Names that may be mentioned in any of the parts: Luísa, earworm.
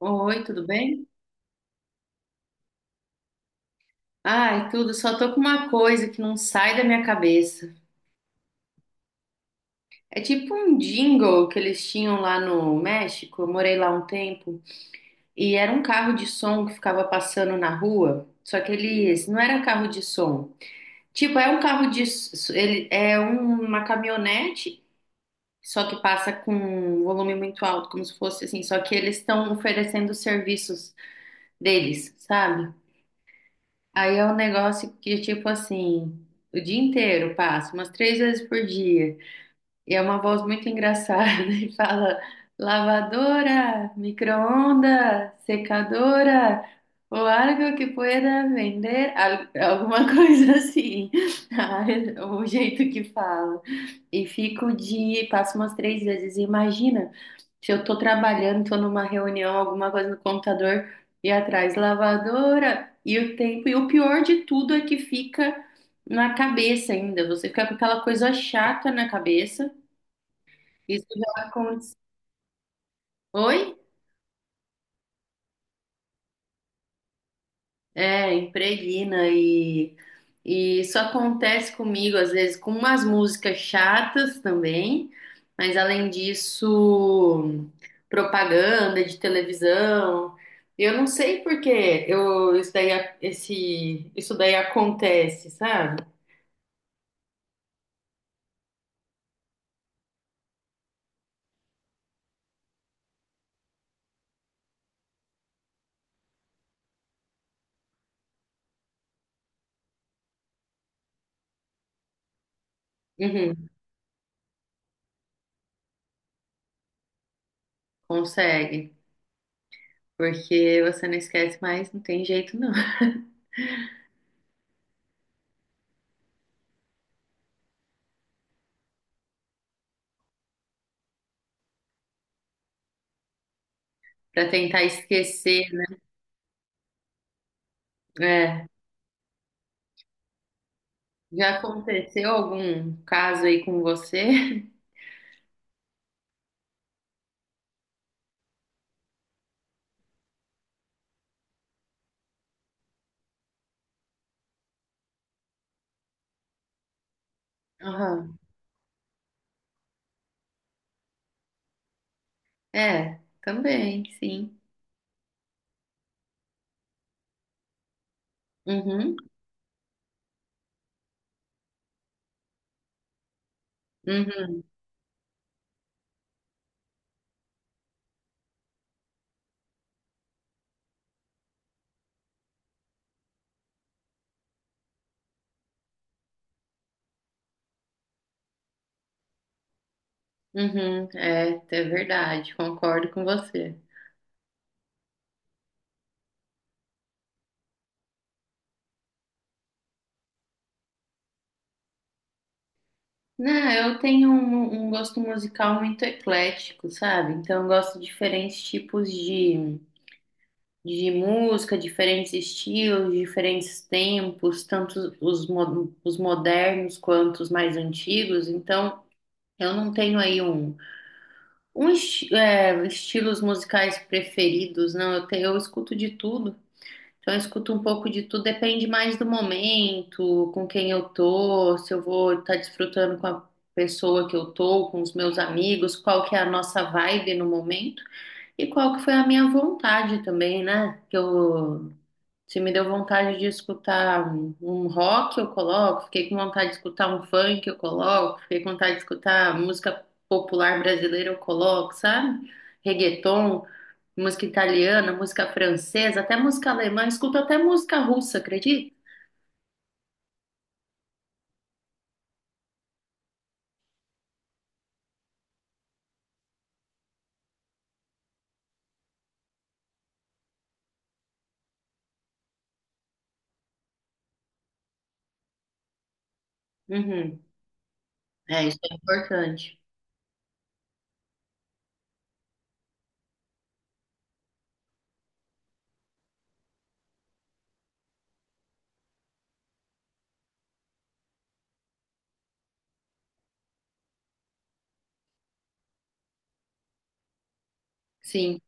Oi, tudo bem? Ai, tudo, só tô com uma coisa que não sai da minha cabeça. É tipo um jingle que eles tinham lá no México, eu morei lá um tempo, e era um carro de som que ficava passando na rua, só que eles não era carro de som. Tipo, é um carro de s- ele é um- uma caminhonete, só que passa com um volume muito alto, como se fosse assim, só que eles estão oferecendo os serviços deles, sabe? Aí é um negócio que, tipo assim, o dia inteiro passa, umas três vezes por dia. E é uma voz muito engraçada e fala: lavadora, micro-onda, secadora, o algo que pueda vender, alguma coisa assim. O jeito que fala. E fico de, passo umas três vezes. Imagina. Se eu tô trabalhando, tô numa reunião, alguma coisa no computador e atrás lavadora e o tempo. E o pior de tudo é que fica na cabeça ainda. Você fica com aquela coisa chata na cabeça. Isso já aconteceu. Oi? É, impregna e isso acontece comigo às vezes com umas músicas chatas também, mas além disso, propaganda de televisão. Eu não sei por que eu, isso daí, esse, isso daí acontece, sabe? Uhum, consegue, porque você não esquece mais, não tem jeito não. Pra tentar esquecer, é, já aconteceu algum caso aí com você? Aham. É, também, sim. Uhum, uhum, uhum. É, é verdade, concordo com você. Não, eu tenho um gosto musical muito eclético, sabe? Então, eu gosto de diferentes tipos de música, diferentes estilos, diferentes tempos, tanto os modernos quanto os mais antigos. Então, eu não tenho aí um, estilos musicais preferidos, não. Eu escuto de tudo. Então, eu escuto um pouco de tudo, depende mais do momento, com quem eu tô, se eu vou estar desfrutando com a pessoa que eu tô, com os meus amigos, qual que é a nossa vibe no momento e qual que foi a minha vontade também, né? Que eu se me deu vontade de escutar um rock, eu coloco. Fiquei com vontade de escutar um funk, eu coloco. Fiquei com vontade de escutar música popular brasileira, eu coloco, sabe? Reggaeton, música italiana, música francesa, até música alemã. Escuto até música russa, acredita? Uhum. É, isso é importante. Sim.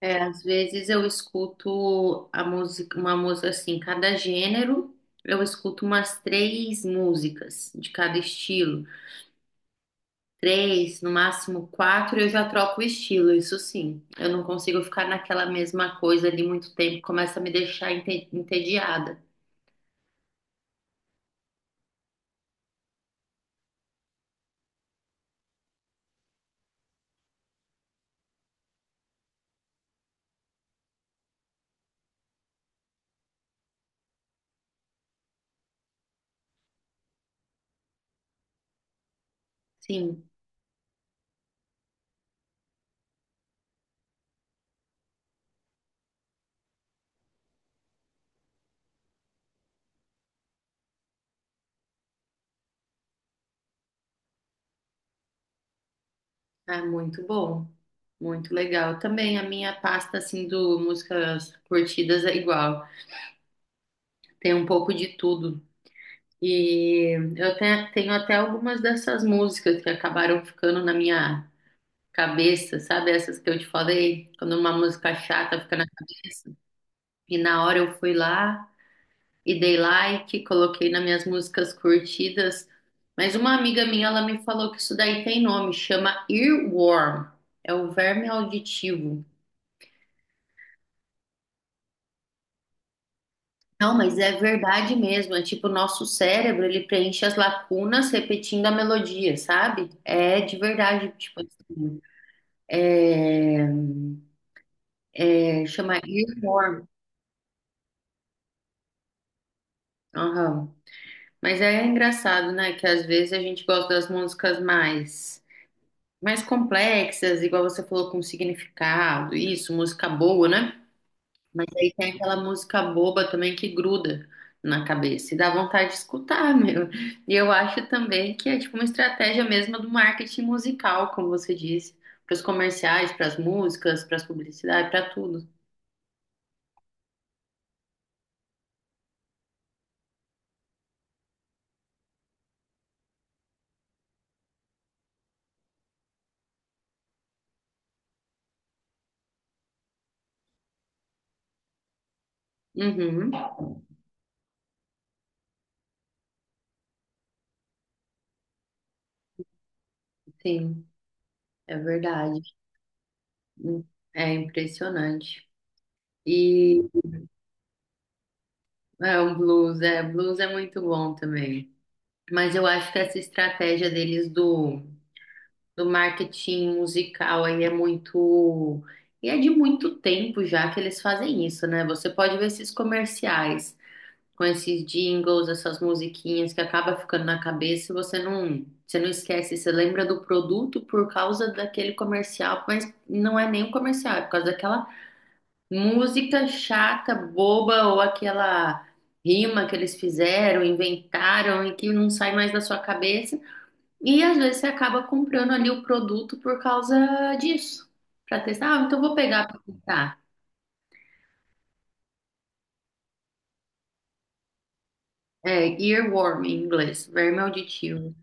É, às vezes eu escuto a música, uma música assim, cada gênero, eu escuto umas três músicas de cada estilo. Três, no máximo quatro, eu já troco o estilo, isso sim. Eu não consigo ficar naquela mesma coisa ali muito tempo, começa a me deixar entediada. Sim, é muito bom, muito legal. Também a minha pasta, assim, do músicas curtidas é igual, tem um pouco de tudo. E eu até, tenho até algumas dessas músicas que acabaram ficando na minha cabeça, sabe? Essas que eu te falei, quando uma música chata fica na cabeça. E na hora eu fui lá. E dei like, coloquei nas minhas músicas curtidas. Mas uma amiga minha, ela me falou que isso daí tem nome, chama earworm, é o verme auditivo. Não, mas é verdade mesmo, é tipo o nosso cérebro, ele preenche as lacunas repetindo a melodia, sabe? É de verdade, tipo assim, é, chama earworm. Aham. Mas é engraçado, né, que às vezes a gente gosta das músicas mais complexas, igual você falou, com significado, isso, música boa, né? Mas aí tem aquela música boba também que gruda na cabeça e dá vontade de escutar, meu. E eu acho também que é tipo uma estratégia mesmo do marketing musical, como você disse, para os comerciais, para as músicas, para as publicidades, para tudo. Uhum, sim, é verdade. É impressionante. E é um blues é muito bom também. Mas eu acho que essa estratégia deles do marketing musical aí é muito. E é de muito tempo já que eles fazem isso, né? Você pode ver esses comerciais com esses jingles, essas musiquinhas que acaba ficando na cabeça e você não esquece, você lembra do produto por causa daquele comercial, mas não é nem um comercial, é por causa daquela música chata, boba ou aquela rima que eles fizeram, inventaram e que não sai mais da sua cabeça. E às vezes você acaba comprando ali o produto por causa disso, para testar. Ah, então vou pegar para testar. É, earworm em inglês, verme auditivo.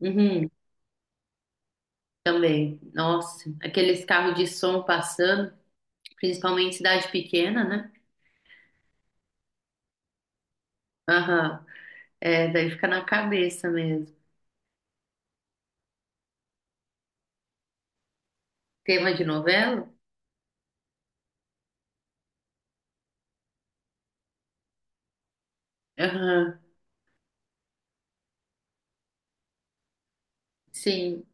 Uhum, também. Nossa, aqueles carros de som passando, principalmente em cidade pequena, né? Aham. É, daí fica na cabeça mesmo. Tema de novela? Aham. Sim.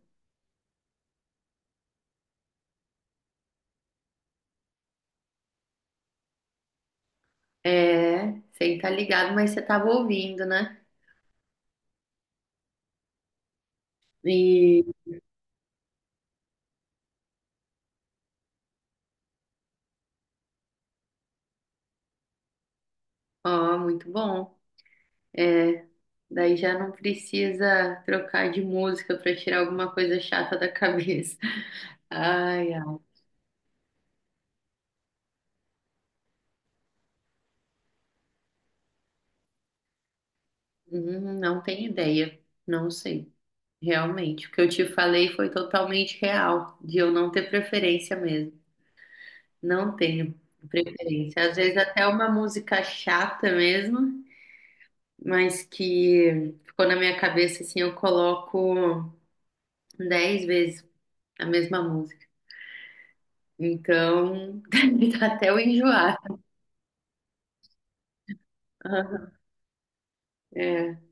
É, você tá ligado, mas você tava ouvindo, né? E, ó, muito bom. É. Daí já não precisa trocar de música para tirar alguma coisa chata da cabeça. Ai, ai. Não tenho ideia. Não sei. Realmente, o que eu te falei foi totalmente real, de eu não ter preferência mesmo. Não tenho preferência. Às vezes até uma música chata mesmo, mas que ficou na minha cabeça assim, eu coloco 10 vezes a mesma música. Então, até eu enjoar. Aham. É.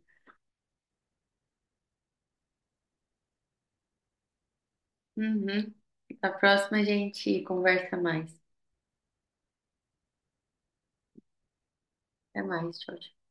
Uhum. A próxima a gente conversa mais. Até mais. Tchau, tchau.